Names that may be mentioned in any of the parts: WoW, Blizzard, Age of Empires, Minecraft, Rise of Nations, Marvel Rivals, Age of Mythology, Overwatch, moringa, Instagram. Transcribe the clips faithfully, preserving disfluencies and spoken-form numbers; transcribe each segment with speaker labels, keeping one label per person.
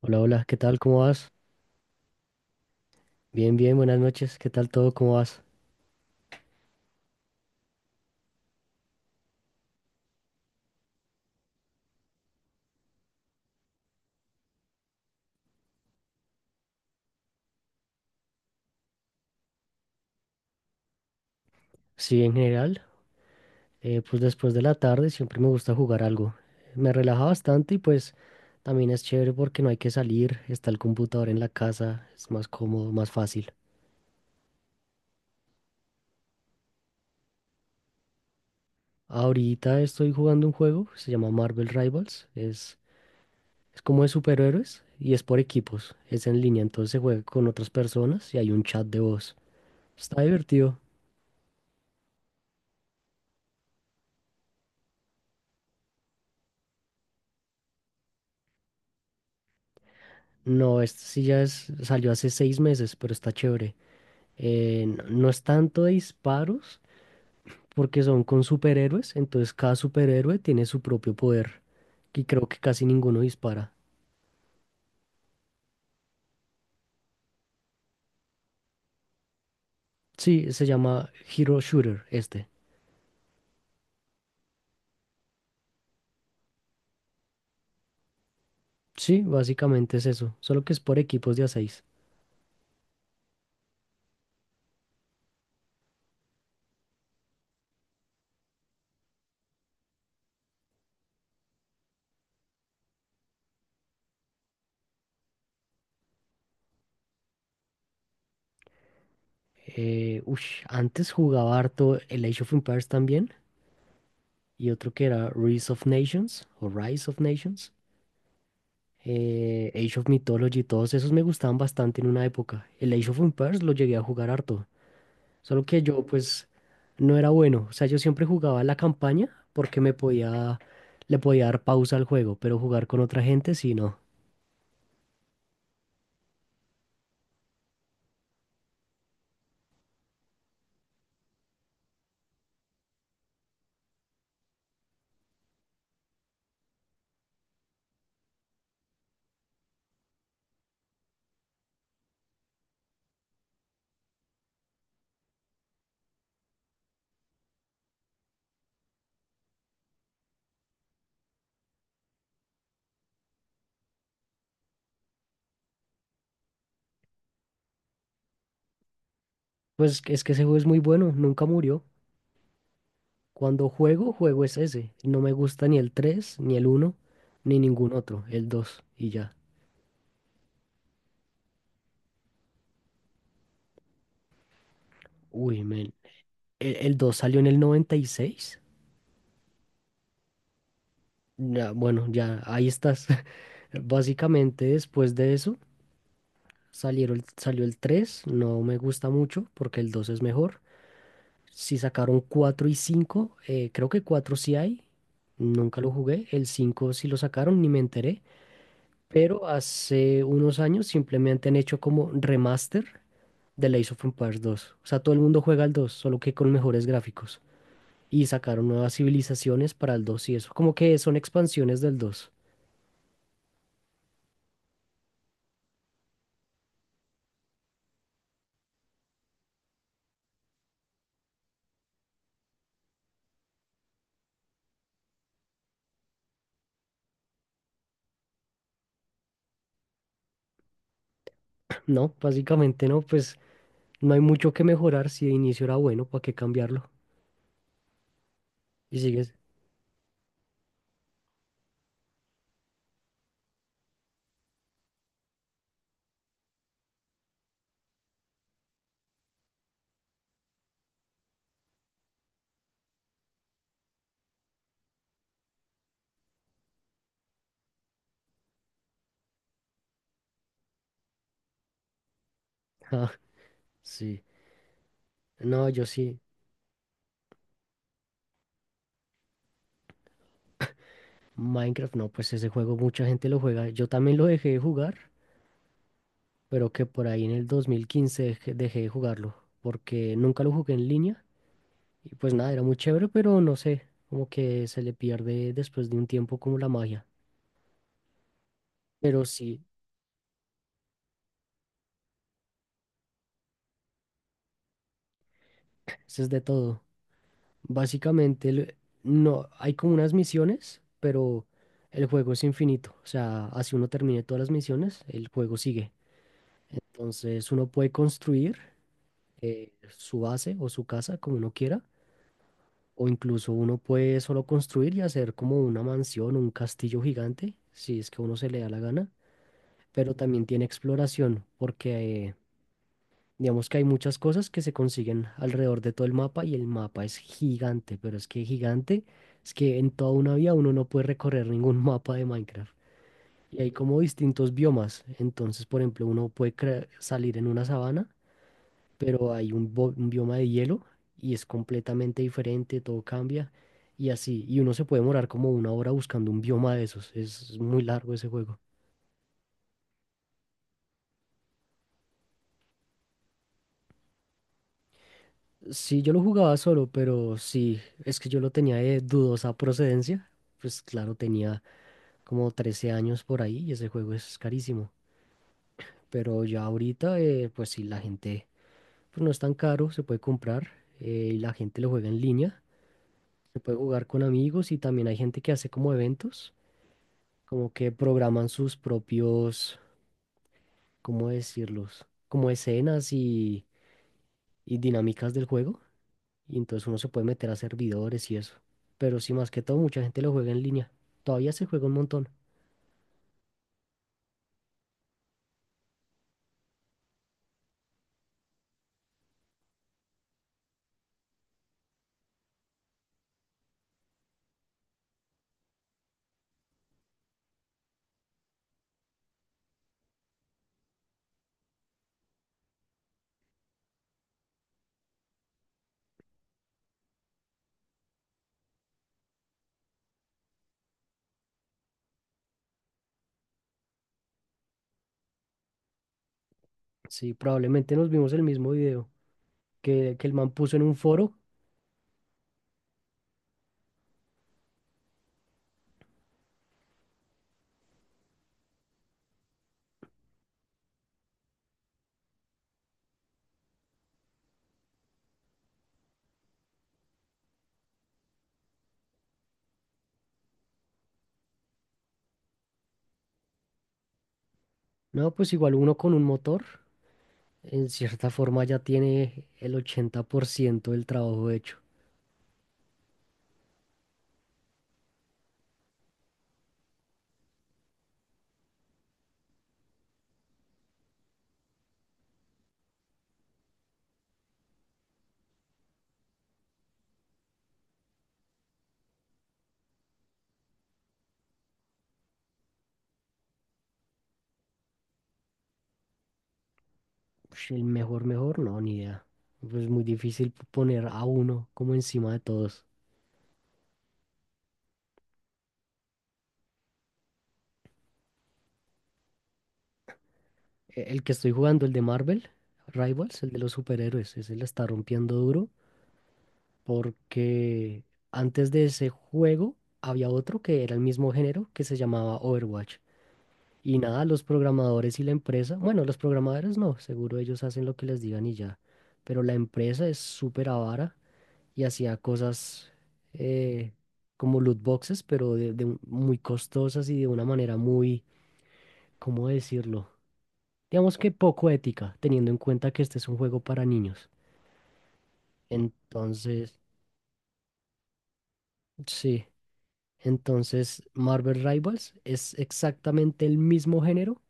Speaker 1: Hola, hola, ¿qué tal? ¿Cómo vas? Bien, bien, buenas noches. ¿Qué tal todo? ¿Cómo vas? Sí, en general, eh, pues después de la tarde siempre me gusta jugar algo. Me relaja bastante y pues también es chévere porque no hay que salir, está el computador en la casa, es más cómodo, más fácil. Ahorita estoy jugando un juego, se llama Marvel Rivals, es, es como de superhéroes y es por equipos, es en línea, entonces se juega con otras personas y hay un chat de voz. Está divertido. No, este sí ya es, salió hace seis meses, pero está chévere. eh, no no es tanto de disparos, porque son con superhéroes, entonces cada superhéroe tiene su propio poder, y creo que casi ninguno dispara. Sí, se llama Hero Shooter este. Sí, básicamente es eso, solo que es por equipos de a seis. Eh, ush, antes jugaba harto el Age of Empires también, y otro que era Rise of Nations, o Rise of Nations. eh, Age of Mythology, todos esos me gustaban bastante en una época. El Age of Empires lo llegué a jugar harto. Solo que yo pues no era bueno. O sea, yo siempre jugaba la campaña porque me podía, le podía dar pausa al juego, pero jugar con otra gente sí no. Pues es que ese juego es muy bueno, nunca murió. Cuando juego, juego es ese. No me gusta ni el tres ni el uno ni ningún otro, el dos y ya. Uy, men. El, el dos salió en el noventa y seis. Ya, bueno, ya ahí estás. Básicamente después de eso salieron, salió el tres, no me gusta mucho porque el dos es mejor. Si sacaron cuatro y cinco, eh, creo que cuatro sí hay. Nunca lo jugué. El cinco sí lo sacaron, ni me enteré. Pero hace unos años simplemente han hecho como remaster de Age of Empires dos. O sea, todo el mundo juega al dos solo que con mejores gráficos. Y sacaron nuevas civilizaciones para el dos y eso. Como que son expansiones del dos. No, básicamente no, pues no hay mucho que mejorar. Si de inicio era bueno, ¿para qué cambiarlo? Y sigues. Ah, sí. No, yo sí. Minecraft, no, pues ese juego mucha gente lo juega. Yo también lo dejé de jugar, pero que por ahí en el dos mil quince dejé dejé de jugarlo, porque nunca lo jugué en línea. Y pues nada, era muy chévere, pero no sé, como que se le pierde después de un tiempo como la magia. Pero sí, eso es de todo. Básicamente, el- no, hay como unas misiones, pero el juego es infinito. O sea, así uno termine todas las misiones, el juego sigue. Entonces uno puede construir eh, su base o su casa como uno quiera. O incluso uno puede solo construir y hacer como una mansión, un castillo gigante, si es que a uno se le da la gana, pero también tiene exploración, porque eh, digamos que hay muchas cosas que se consiguen alrededor de todo el mapa y el mapa es gigante, pero es que gigante, es que en toda una vida uno no puede recorrer ningún mapa de Minecraft. Y hay como distintos biomas, entonces por ejemplo uno puede cre- salir en una sabana, pero hay un, bo- un bioma de hielo y es completamente diferente, todo cambia y así. Y uno se puede demorar como una hora buscando un bioma de esos. Es muy largo ese juego. Sí, yo lo jugaba solo, pero sí, es que yo lo tenía de dudosa procedencia. Pues claro, tenía como trece años por ahí y ese juego es carísimo. Pero ya ahorita, eh, pues sí, la gente, pues no es tan caro, se puede comprar, eh, y la gente lo juega en línea. Se puede jugar con amigos y también hay gente que hace como eventos, como que programan sus propios, ¿cómo decirlos? Como escenas y y dinámicas del juego. Y entonces uno se puede meter a servidores y eso. Pero sí, más que todo, mucha gente lo juega en línea. Todavía se juega un montón. Sí, probablemente nos vimos el mismo video, que, que el man puso en un foro. No, pues igual uno con un motor, en cierta forma ya tiene el ochenta por ciento del trabajo hecho. Ush, El mejor, mejor, no, ni idea. Pues muy difícil poner a uno como encima de todos. e-, El que estoy jugando, el de Marvel, Rivals, el de los superhéroes, ese la está rompiendo duro, porque antes de ese juego había otro que era el mismo género que se llamaba Overwatch. Y nada, los programadores y la empresa, bueno, los programadores no, seguro ellos hacen lo que les digan y ya, pero la empresa es súper avara y hacía cosas eh, como loot boxes, pero de, de un- muy costosas y de una manera muy, ¿cómo decirlo? Digamos que poco ética, teniendo en cuenta que este es un juego para niños. Entonces, sí. Entonces, Marvel Rivals es exactamente el mismo género,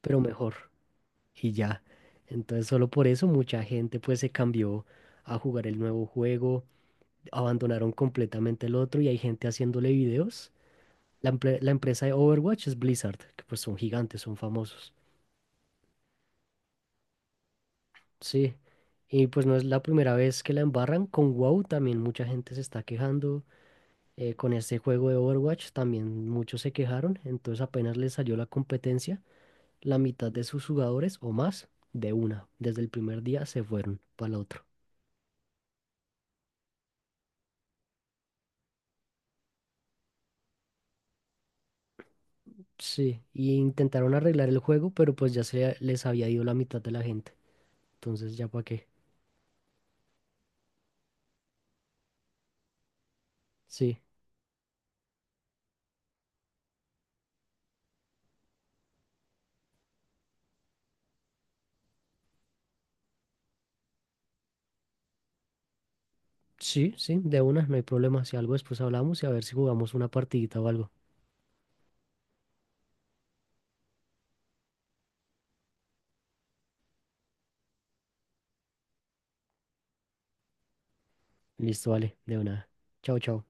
Speaker 1: pero mejor. Y ya. Entonces, solo por eso mucha gente pues se cambió a jugar el nuevo juego, abandonaron completamente el otro y hay gente haciéndole videos. La, empre- la empresa de Overwatch es Blizzard, que pues son gigantes, son famosos. Sí. Y pues no es la primera vez que la embarran. Con WoW también mucha gente se está quejando. Eh, con este juego de Overwatch también muchos se quejaron, entonces apenas les salió la competencia, la mitad de sus jugadores o más, de una, desde el primer día se fueron para el otro. Sí, y intentaron arreglar el juego, pero pues ya se les había ido la mitad de la gente, entonces ya para qué. Sí, sí, sí, de una, no hay problema, si algo después hablamos y a ver si jugamos una partidita o algo. Listo, vale, de una. Chao, chao.